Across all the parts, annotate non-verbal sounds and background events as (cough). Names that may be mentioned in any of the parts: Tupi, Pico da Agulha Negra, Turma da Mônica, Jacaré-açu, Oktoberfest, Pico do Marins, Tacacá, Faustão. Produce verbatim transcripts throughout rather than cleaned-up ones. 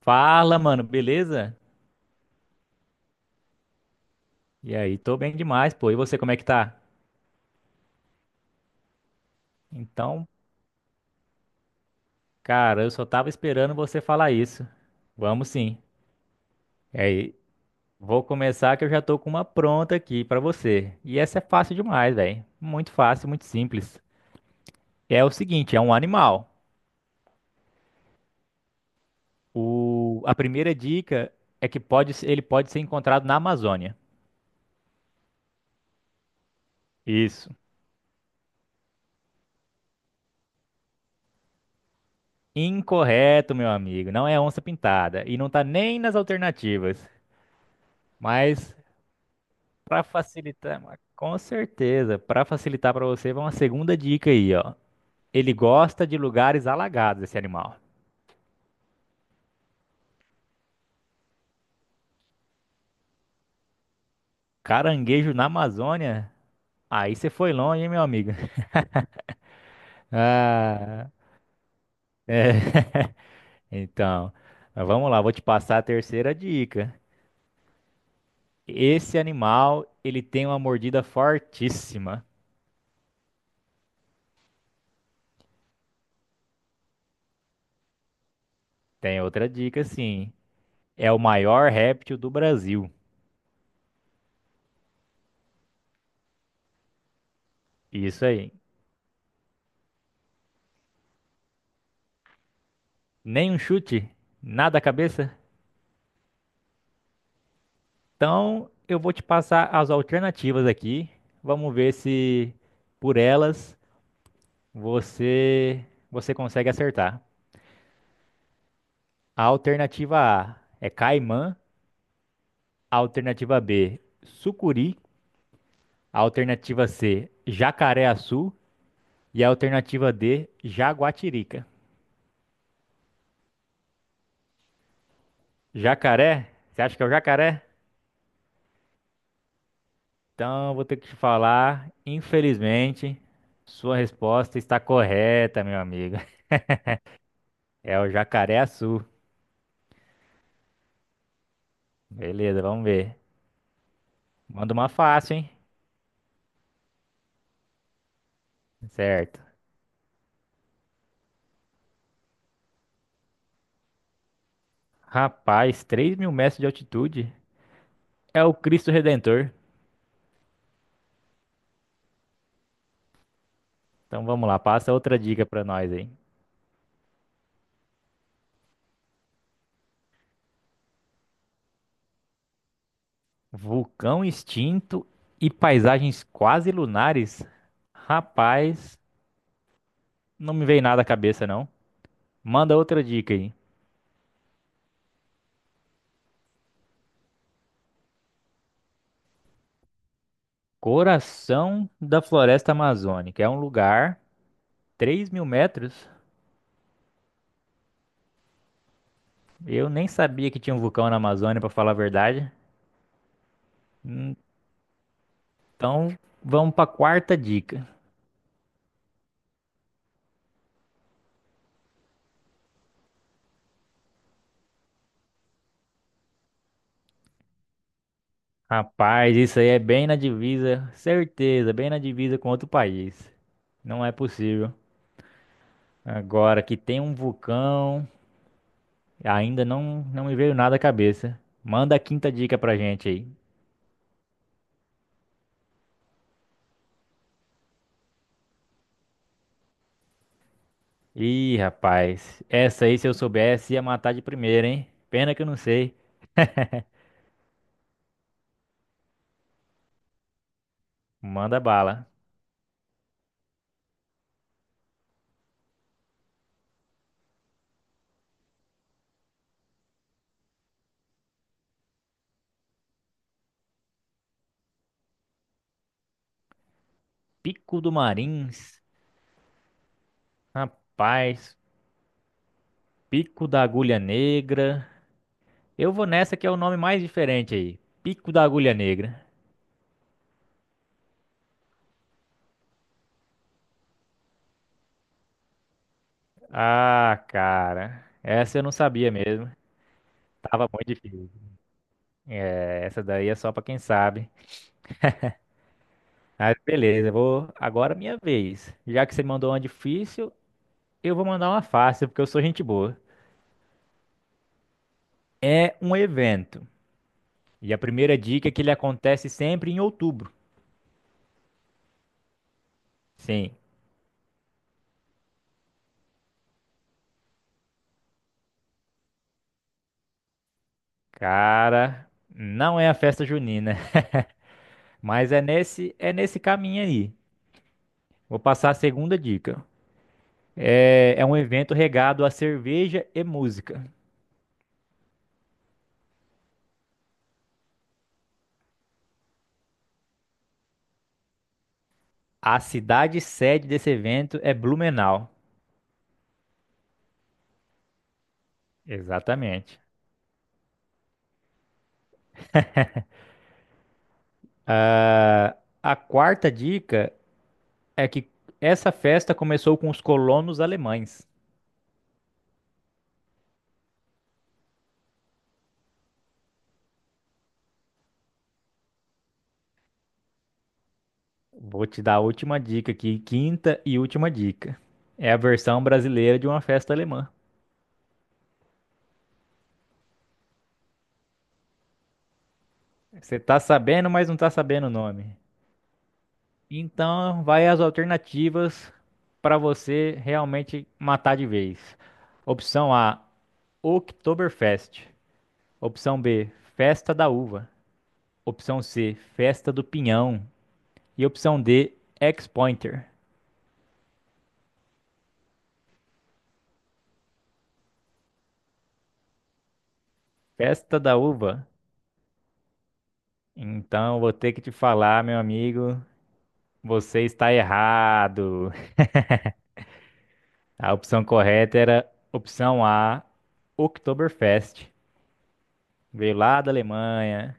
Fala, mano, beleza? E aí, tô bem demais, pô. E você, como é que tá? Então, cara, eu só tava esperando você falar isso. Vamos sim. E aí, vou começar que eu já tô com uma pronta aqui pra você. E essa é fácil demais, velho. Muito fácil, muito simples. É o seguinte, é um animal. O... A primeira dica é que pode... se- ele pode ser encontrado na Amazônia. Isso. Incorreto, meu amigo. Não é onça pintada. E não tá nem nas alternativas. Mas para facilitar, ma- com certeza, para facilitar para você, vai uma segunda dica aí, ó. Ele gosta de lugares alagados, esse animal. Caranguejo na Amazônia? Aí você foi longe, hein, meu amigo? (laughs) Ah, é. Então, mas vamos lá, vou te passar a terceira dica. Esse animal, ele tem uma mordida fortíssima. Tem outra dica, sim. É o maior réptil do Brasil. Isso aí. Nem um chute, nada a cabeça. Então, eu vou te passar as alternativas aqui. Vamos ver se por elas você você consegue acertar. A alternativa A é caimã, a alternativa B, sucuri, a alternativa C, jacaré-açu e a alternativa D, jaguatirica. Jacaré? Você acha que é o jacaré? Então, eu vou ter que te falar, infelizmente, sua resposta está correta, meu amigo. (laughs) É o jacaré-açu. Beleza, vamos ver. Manda uma fácil, hein? Certo. Rapaz, três mil metros de altitude é o Cristo Redentor. Então vamos lá, passa outra dica pra nós aí. Vulcão extinto e paisagens quase lunares? Rapaz, não me veio nada à cabeça não. Manda outra dica aí. Coração da Floresta Amazônica. É um lugar, três mil metros. Eu nem sabia que tinha um vulcão na Amazônia, pra falar a verdade. Então vamos pra quarta dica. Rapaz, isso aí é bem na divisa, certeza, bem na divisa com outro país. Não é possível. Agora que tem um vulcão, ainda não não me veio nada à cabeça. Manda a quinta dica pra gente aí. Ih, rapaz, essa aí se eu soubesse ia matar de primeira, hein? Pena que eu não sei. Manda bala. Pico do Marins, rapaz, Pico da Agulha Negra. Eu vou nessa que é o nome mais diferente aí. Pico da Agulha Negra. Ah, cara, essa eu não sabia mesmo. Tava muito difícil. É, essa daí é só pra quem sabe. Mas beleza, vou agora é minha vez. Já que você mandou uma difícil, eu vou mandar uma fácil, porque eu sou gente boa. É um evento. E a primeira dica é que ele acontece sempre em outubro. Sim, cara, não é a festa junina, (laughs) mas é nesse é nesse caminho aí. Vou passar a segunda dica. É, é um evento regado a cerveja e música. A cidade sede desse evento é Blumenau. Exatamente. A quarta dica é que essa festa começou com os colonos alemães. Vou te dar a última dica aqui, quinta e última dica. É a versão brasileira de uma festa alemã. Você tá sabendo, mas não tá sabendo o nome. Então, vai as alternativas para você realmente matar de vez. Opção A, Oktoberfest. Opção B, Festa da Uva. Opção C, Festa do Pinhão. E opção D, Ex-Pointer, Festa da Uva. Então, vou ter que te falar, meu amigo, você está errado. A opção correta era opção A, Oktoberfest. Veio lá da Alemanha,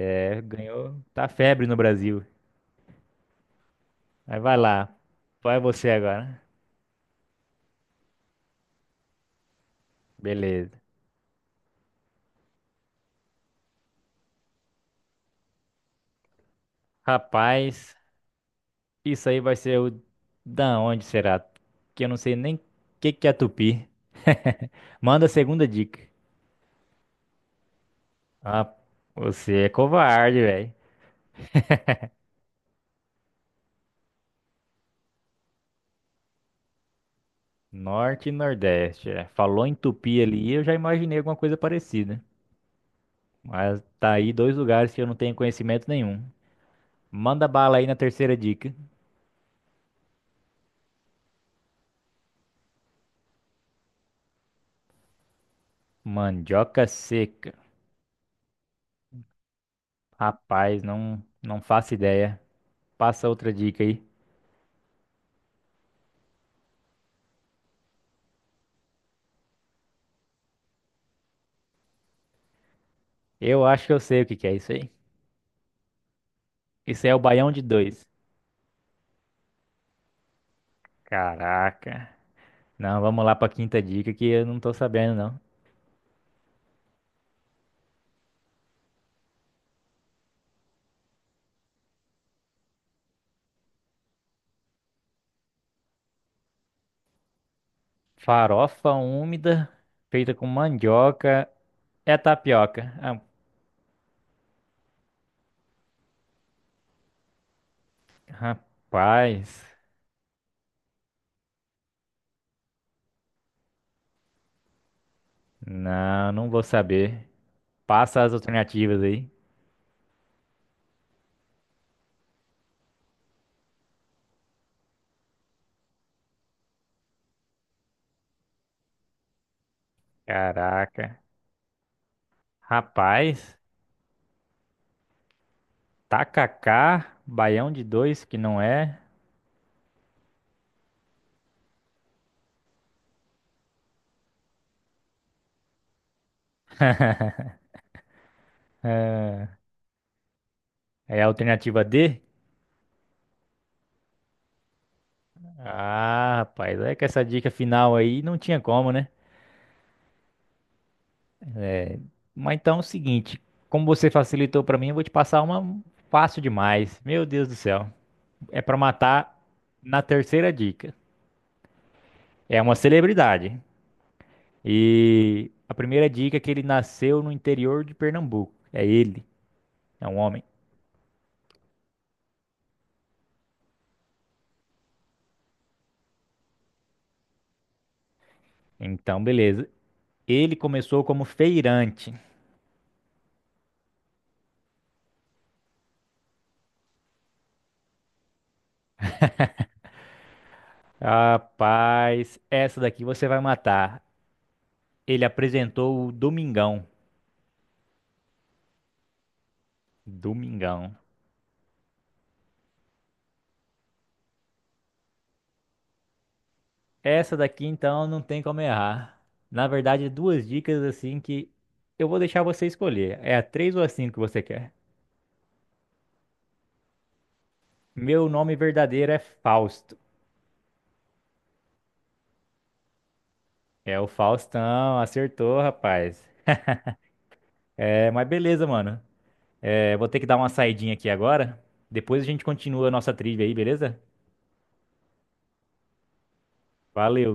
é, ganhou, tá febre no Brasil. Aí vai lá, vai você agora. Beleza. Rapaz, isso aí vai ser o da onde será? Que eu não sei nem o que que é tupi. (laughs) Manda a segunda dica. Ah, você é covarde, velho. Norte e Nordeste. É. Falou em Tupi ali, eu já imaginei alguma coisa parecida. Mas tá aí dois lugares que eu não tenho conhecimento nenhum. Manda bala aí na terceira dica. Mandioca seca. Rapaz, não, não faço ideia. Passa outra dica aí. Eu acho que eu sei o que que é isso aí. Isso é o baião de dois. Caraca. Não, vamos lá pra quinta dica que eu não tô sabendo, não. Farofa úmida, feita com mandioca. É tapioca. Ah, rapaz. Não, não vou saber. Passa as alternativas aí. Caraca. Rapaz. Tacacá, baião de dois, que não é. É a alternativa D? Ah, rapaz. É que essa dica final aí não tinha como, né? Mas então é o seguinte. Como você facilitou pra mim, eu vou te passar uma fácil demais. Meu Deus do céu. É pra matar na terceira dica. É uma celebridade. E a primeira dica é que ele nasceu no interior de Pernambuco. É ele, é um homem. Então, beleza. Ele começou como feirante. Rapaz, essa daqui você vai matar. Ele apresentou o Domingão. Domingão. Essa daqui, então, não tem como errar. Na verdade, é duas dicas assim que eu vou deixar você escolher. É a três ou a cinco que você quer? Meu nome verdadeiro é Fausto. É o Faustão, acertou, rapaz. É, mas beleza, mano. É, vou ter que dar uma saidinha aqui agora. Depois a gente continua a nossa trilha aí, beleza? Valeu.